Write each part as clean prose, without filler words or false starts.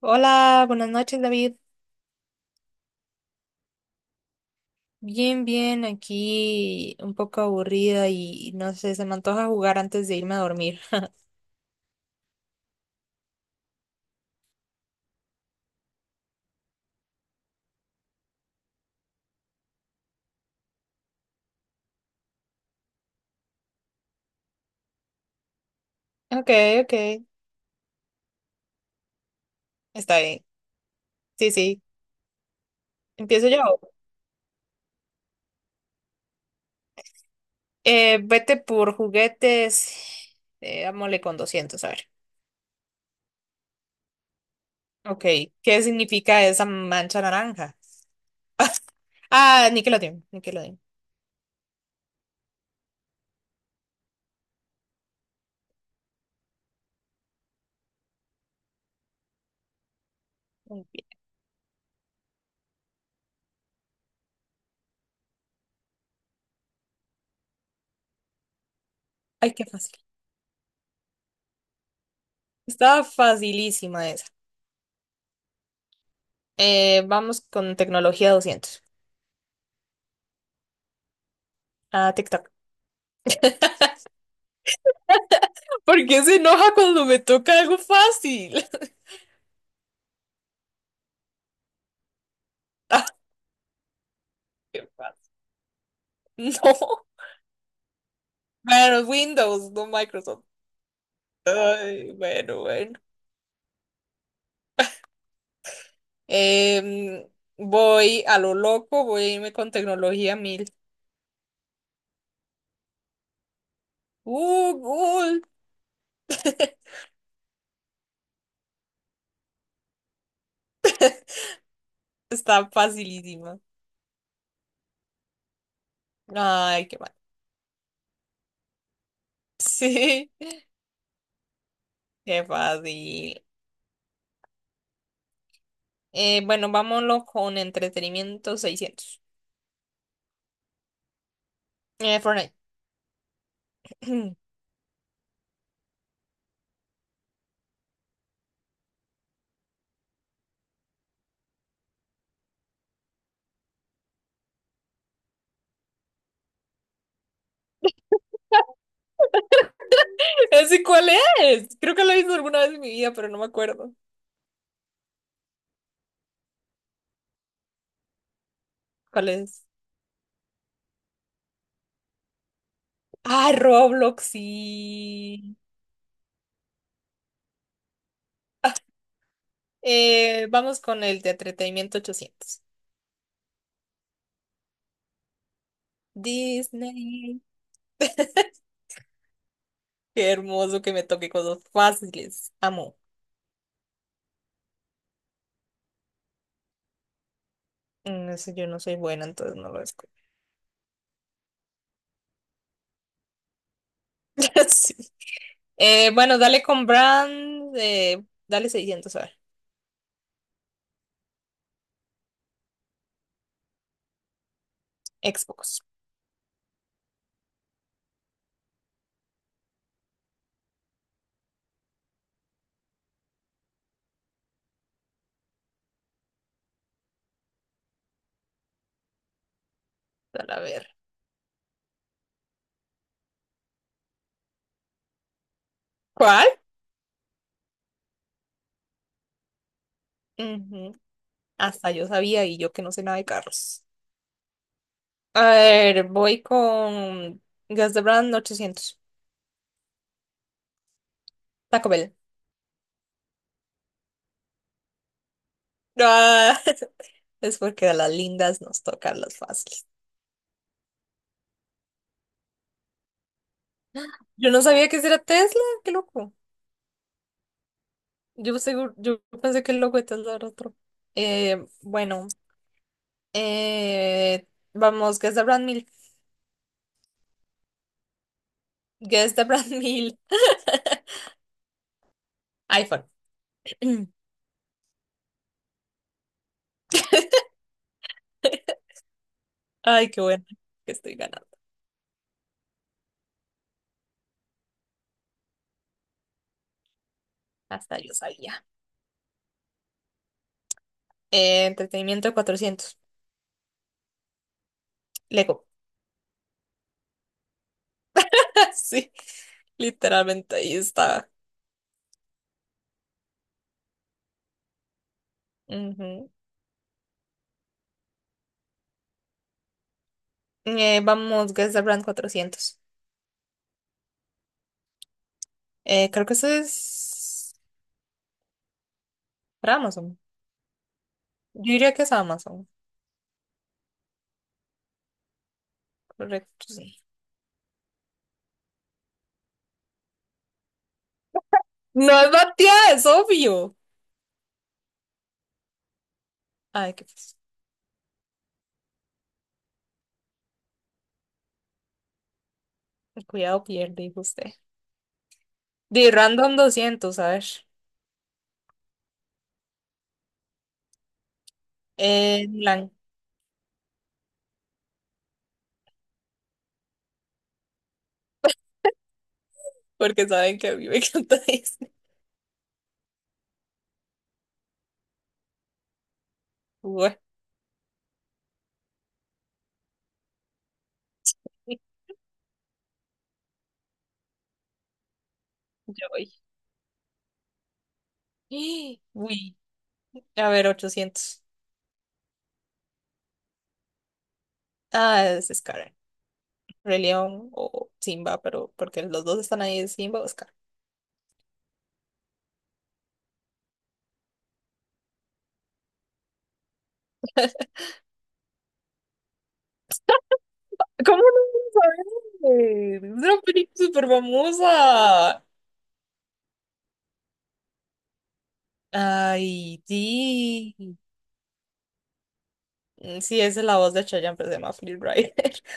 Hola, buenas noches, David. Bien, bien, aquí un poco aburrida y no sé, se me antoja jugar antes de irme a dormir. Ok, ok, está bien. Sí, sí, empiezo yo. Vete por juguetes, dámosle con 200 a ver. Ok, ¿qué significa esa mancha naranja? Ah, Nickelodeon. Muy bien. Ay, qué fácil. Estaba facilísima esa. Vamos con tecnología 200. Ah, TikTok. ¿Por qué se enoja cuando me toca algo fácil? Ah, no. Bueno, Windows, no Microsoft. Ay, bueno, bueno. Em, voy a lo loco, voy a irme con tecnología mil. Google. Está facilísima. Ay, qué mal. Sí, qué fácil. Bueno, vámonos con entretenimiento seiscientos. Fortnite. ¿Ese cuál es? Creo que lo he visto alguna vez en mi vida, pero no me acuerdo. ¿Cuál es? Ah, Roblox, sí. Vamos con el de entretenimiento 800 Disney. Qué hermoso que me toque cosas fáciles. Amo. Mm, eso yo no soy buena, entonces no lo escucho. Sí. Bueno, dale con Brand. Dale 600, a ver. Xbox. Dale, a ver. ¿Cuál? Ujú. Hasta yo sabía y yo que no sé nada de carros. A ver, voy con Gas de Brand 800 Taco Bell. Ah, es porque a las lindas nos tocan las fáciles. Yo no sabía que ese era Tesla, qué loco. Yo seguro, yo pensé que el loco de Tesla era otro. Eh, bueno, eh, vamos, Guess the brand mil. Guess the brand mil. iPhone. Ay, qué bueno que estoy ganando. Hasta yo sabía. Entretenimiento cuatrocientos Lego. Sí, literalmente ahí está. Ujú. Vamos, Guess the brand 400 creo que eso es para Amazon. Yo diría que es Amazon. Correcto, sí. No es Matías, es obvio. Ay, qué pues, el cuidado pierde, dijo usted. De Random doscientos a ver. En blanco, porque saben que a mí me encanta Disney. Bueno, yo voy. Uy, a ver, 800. Ah, es Scar. Rey León o Simba, pero porque los dos están ahí, es Simba o Scar. ¿Cómo no lo sabes? Es una película súper famosa. Ay, sí. Mm, sí, esa es la voz de Chayanne, pero se llama Flynn Rider.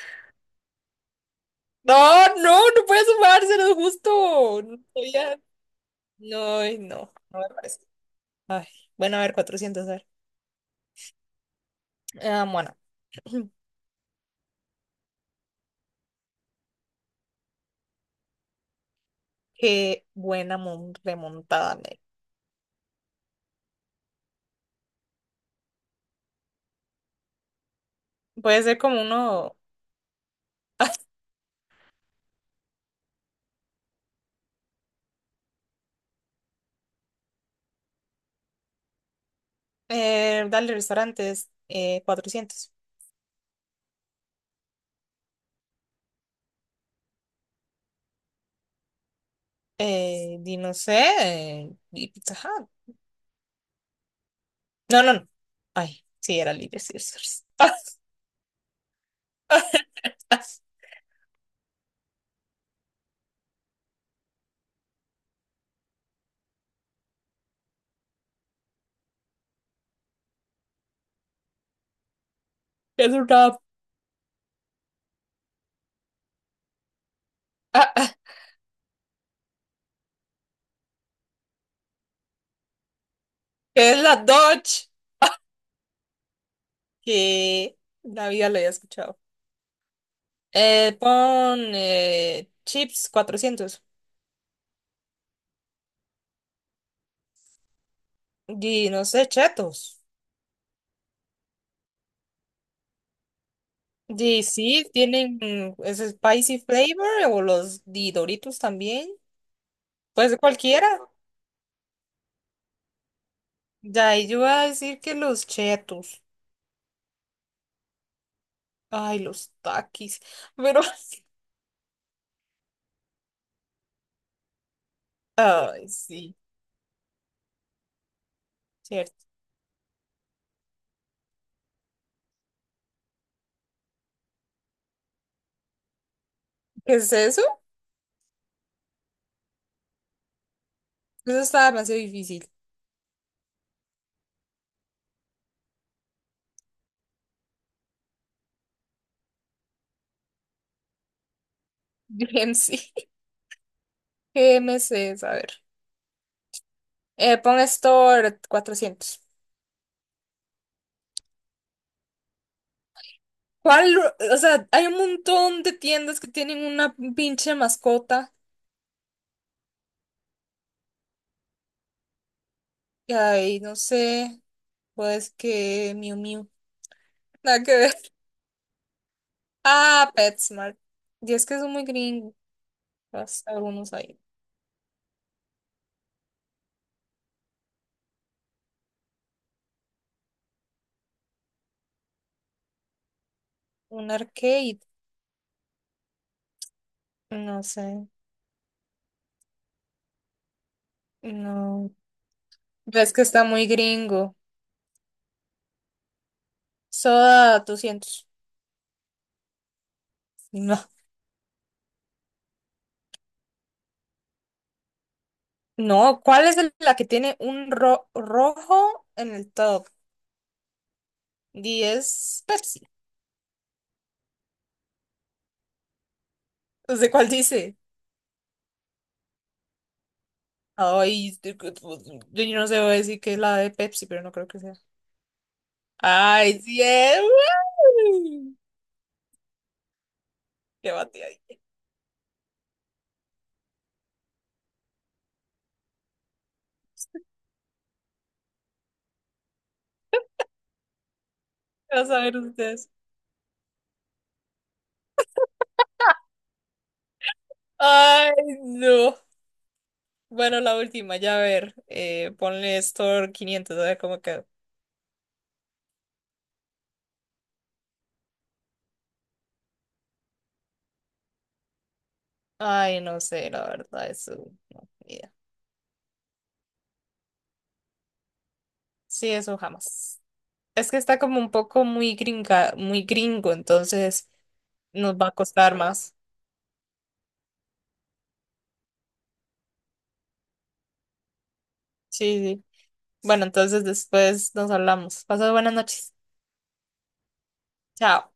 No, no no puede sumarse, no es justo. No, sabía- no, ay, no, no me parece. Ay, bueno, a ver, cuatrocientos. A ver. Ah, bueno, qué buena mon- remontada. Nel. Puede ser como uno, dale restaurantes, 400. No sé, di Pizza Hut. No, no, no. Ay, sí, era Little Caesars. Ah, ah, ah, es un rap. Ah, ah, que es la Dodge. Que la vida lo había escuchado. Pon chips 400. Y no sé, chetos. Y sí, tienen ese spicy flavor o los di Doritos también. Pues cualquiera. Ya, y yo voy a decir que los chetos. Ay, los takis. Pero, ay, sí, cierto. ¿Qué es eso? Eso está demasiado difícil. Bien, sí. GMC, a ver. Pon Store 400. ¿Cuál? O sea, hay un montón de tiendas que tienen una pinche mascota. Y ay, no sé. Pues que Miu Miu. Nada que ver. Ah, PetSmart. Y es que son muy gringos algunos ahí. Un arcade. No sé. No. Ves que está muy gringo. Soda 200. No. No. ¿Cuál es el- la que tiene un ro- rojo en el top? ¿Diez? Pepsi. No sé cuál dice. Ay, este, que- pues, yo no sé, voy a decir que es la de Pepsi, pero no creo que sea. Ay, sí es. ¡Uy! Qué batida. ¿Qué vas a ver ustedes? Ay, no. Bueno, la última, ya a ver. Ponle Store 500 a ver cómo quedó. Ay, no sé, la verdad, eso no, ni idea. Sí, eso jamás. Es que está como un poco muy gringa, muy gringo, entonces nos va a costar más. Sí, sí. Bueno, entonces después nos hablamos. Pasad buenas noches. Chao.